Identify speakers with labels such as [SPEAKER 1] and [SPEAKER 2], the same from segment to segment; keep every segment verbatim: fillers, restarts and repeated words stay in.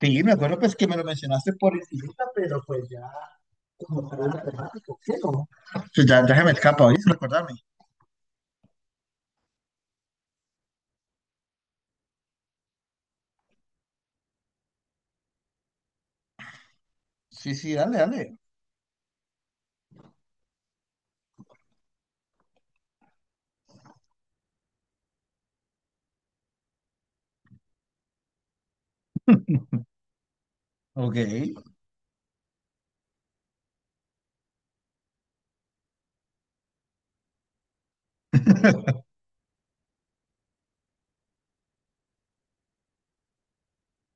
[SPEAKER 1] Sí, me acuerdo pues que me lo mencionaste por encimita, pero pues ya, como tal, no. Pues ya, ya se me escapa, oíste, recordarme. Sí, sí, dale, dale. Ok.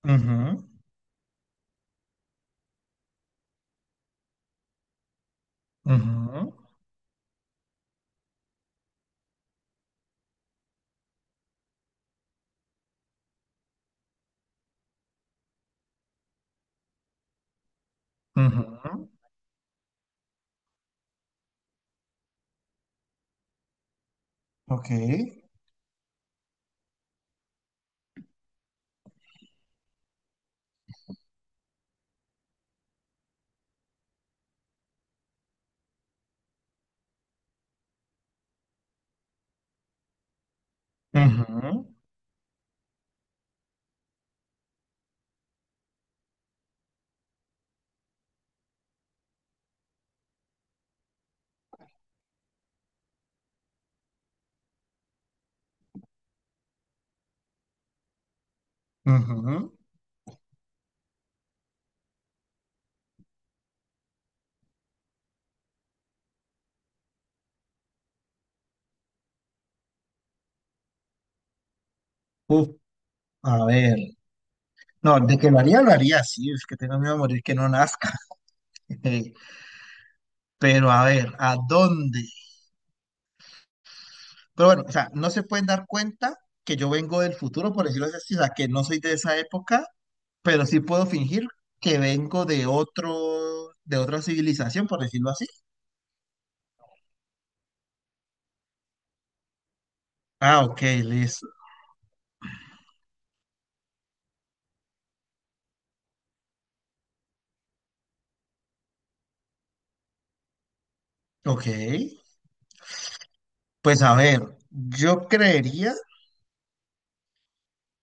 [SPEAKER 1] Ujú, ujú, ujú, ok. Ujú, ujú. Uf, a ver. No, de que lo haría, lo haría, sí, es que tengo miedo a morir que no nazca. Pero a ver, ¿a dónde? Pero bueno, o sea, no se pueden dar cuenta que yo vengo del futuro, por decirlo así, o sea, que no soy de esa época pero sí puedo fingir que vengo de otro, de otra civilización, por decirlo así. Ah, ok, listo. Ok. Pues a ver, yo creería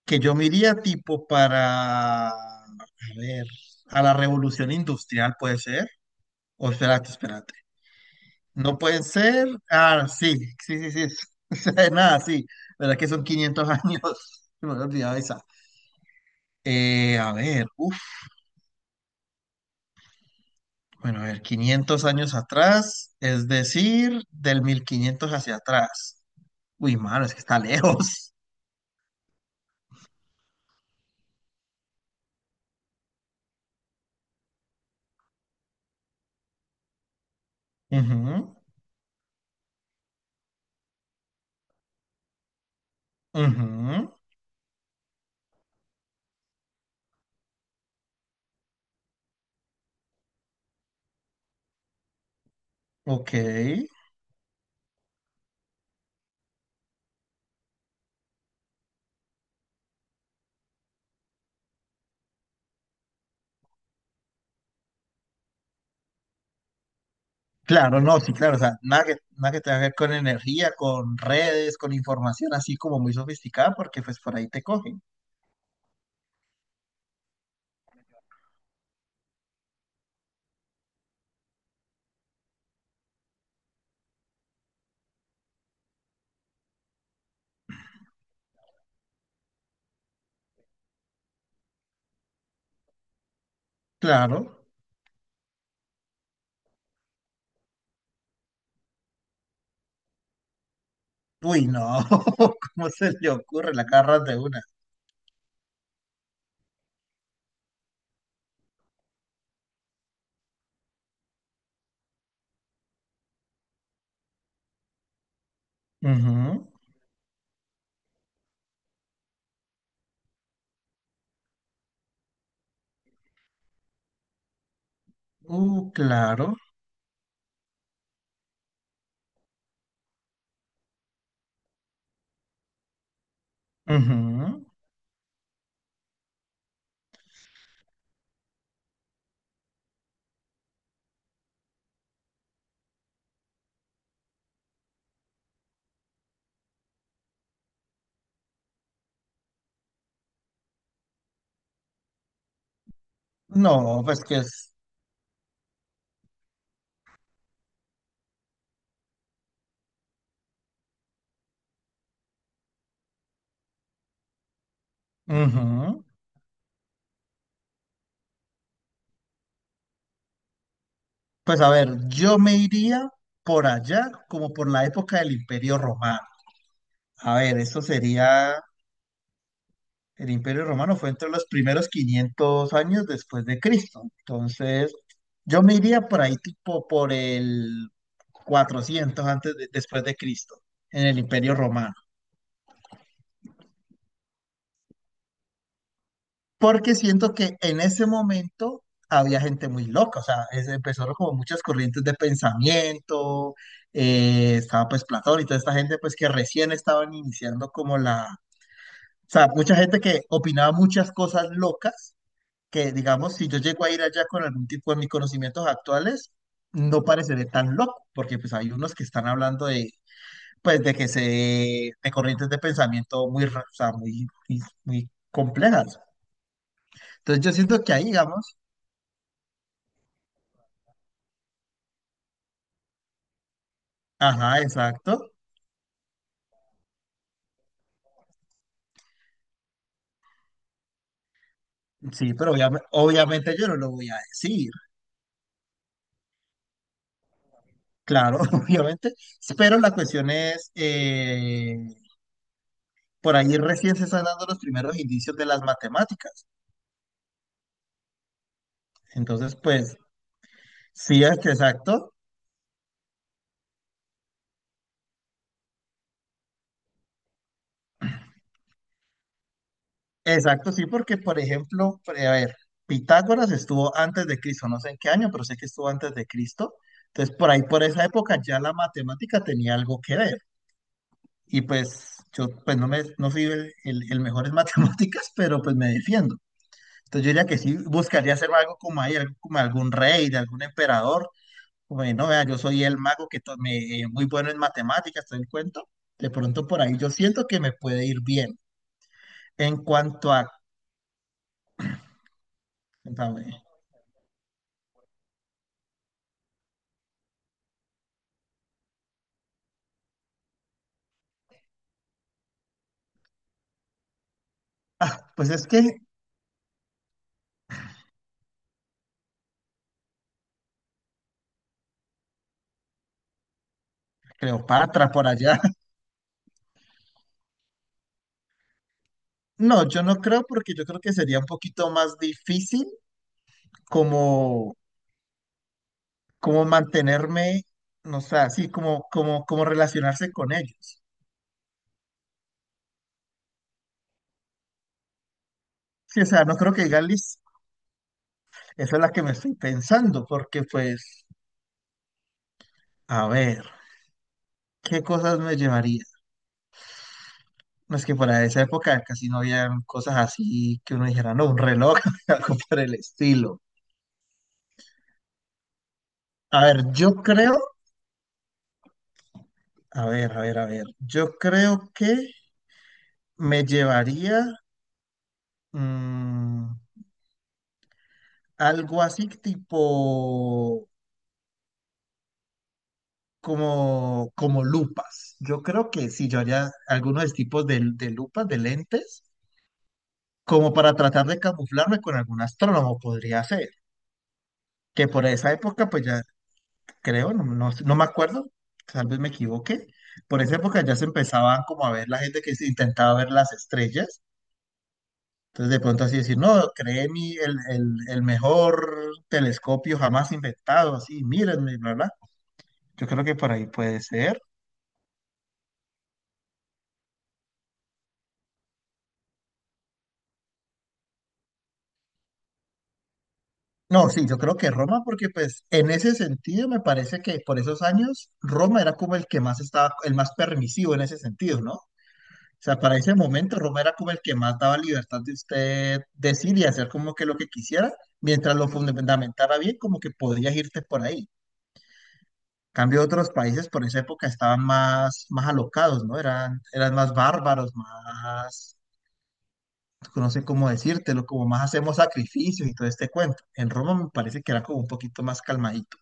[SPEAKER 1] que yo me iría tipo para, a ver, a la revolución industrial, puede ser. O espérate, espérate. No pueden ser. Ah, sí, sí, sí, sí. O sea, nada, sí. ¿Verdad que son quinientos años? Me había olvidado esa. Eh, a ver, uff. Bueno, a ver, quinientos años atrás, es decir, del mil quinientos hacia atrás. Uy, mano, es que está lejos. Ujú, ujú, ok. Claro, no, sí, claro, o sea, nada que, nada que tenga que ver con energía, con redes, con información así como muy sofisticada, porque pues por ahí te cogen. Claro. Uy, no, ¿cómo se le ocurre? La agarras de una. Ujú, Uh, claro. Ujú. No, pues que es... Ujú. Pues a ver, yo me iría por allá, como por la época del Imperio Romano. A ver, eso sería, el Imperio Romano fue entre los primeros quinientos años después de Cristo. Entonces, yo me iría por ahí tipo por el cuatrocientos antes de- después de Cristo, en el Imperio Romano. Porque siento que en ese momento había gente muy loca, o sea, es- empezaron como muchas corrientes de pensamiento, eh, estaba pues Platón y toda esta gente pues que recién estaban iniciando como la, o sea, mucha gente que opinaba muchas cosas locas, que digamos, si yo llego a ir allá con algún tipo de mis conocimientos actuales, no pareceré tan loco, porque pues hay unos que están hablando de, pues de que se, de corrientes de pensamiento muy, ra- o sea, muy, muy muy complejas. Entonces yo siento que ahí, digamos, ajá, exacto. Sí, pero obviame- obviamente yo no lo voy a decir. Claro, obviamente. Pero la cuestión es, eh, por ahí recién se están dando los primeros indicios de las matemáticas. Entonces, pues, sí, es que exacto. Exacto, sí, porque, por ejemplo, pre- a ver, Pitágoras estuvo antes de Cristo, no sé en qué año, pero sé que estuvo antes de Cristo. Entonces, por ahí, por esa época, ya la matemática tenía algo que ver. Y pues, yo pues no, me, no fui el, el el mejor en matemáticas, pero pues me defiendo. Entonces yo diría que sí buscaría hacer algo como ahí, algo como algún rey, de algún emperador, como de, no, vea, yo soy el mago que to- me, eh, muy bueno en matemáticas, todo el cuento. De pronto por ahí yo siento que me puede ir bien. En cuanto a, cuéntame, ah, pues es que Cleopatra por allá. No, yo no creo porque yo creo que sería un poquito más difícil como, como mantenerme, no sé, así como, como, como relacionarse con ellos. Sí, o sea, no creo que digan, "Liz, esa es la que me estoy pensando, porque pues a ver, ¿qué cosas me llevaría? No es que para esa época casi no habían cosas así que uno dijera, no, un reloj, algo por el estilo. A ver, yo creo, a ver, a ver, a ver, yo creo que me llevaría mm, algo así tipo como, como lupas. Yo creo que sí, yo haría algunos tipos de, de lupas, de lentes, como para tratar de camuflarme con algún astrónomo, podría ser. Que por esa época, pues ya creo, no, no, no me acuerdo, tal vez me equivoque. Por esa época ya se empezaban como a ver la gente que se intentaba ver las estrellas. Entonces de pronto así decir, no, creé mi, el, el, el mejor telescopio jamás inventado, así, mírenme, bla, bla. Yo creo que por ahí puede ser. No, sí, yo creo que Roma, porque pues en ese sentido me parece que por esos años Roma era como el que más estaba, el más permisivo en ese sentido, ¿no? Sea, para ese momento Roma era como el que más daba libertad de usted decir y hacer como que lo que quisiera, mientras lo fundamentara bien, como que podías irte por ahí. Cambio otros países por esa época estaban más, más alocados, ¿no? Eran, eran más bárbaros, más, no sé cómo decírtelo, como más hacemos sacrificios y todo este cuento. En Roma me parece que era como un poquito más calmadito.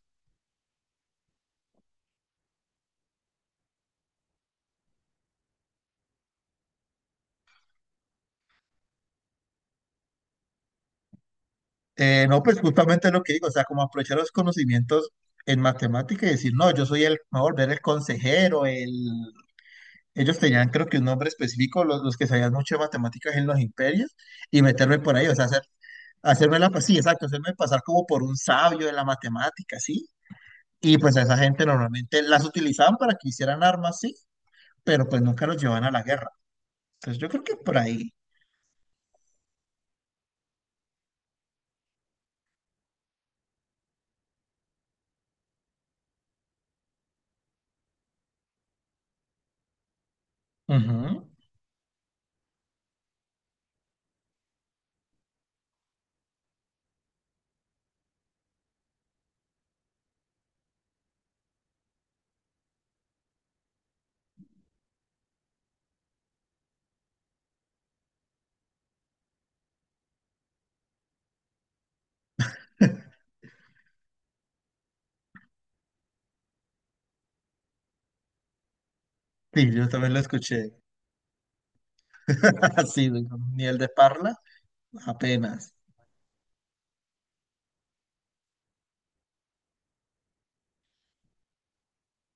[SPEAKER 1] Eh, no, pues justamente lo que digo, o sea, como aprovechar los conocimientos en matemática y decir, no, yo soy el, me voy a volver el consejero, el, ellos tenían, creo que un nombre específico, los, los que sabían mucho de matemáticas en los imperios, y meterme por ahí, o sea, hacer, hacerme la, sí, exacto, hacerme pasar como por un sabio de la matemática, ¿sí? Y pues a esa gente normalmente las utilizaban para que hicieran armas, sí, pero pues nunca los llevaban a la guerra. Entonces yo creo que por ahí. Ujú. Sí, yo también lo escuché. Así, nivel de parla, apenas.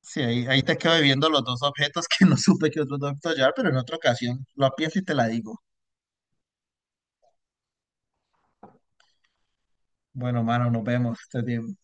[SPEAKER 1] Sí, ahí, ahí te quedo viendo los dos objetos que no supe que otros dos objetos llevar, pero en otra ocasión lo pienso y te la digo. Bueno, mano, nos vemos. Estés bien.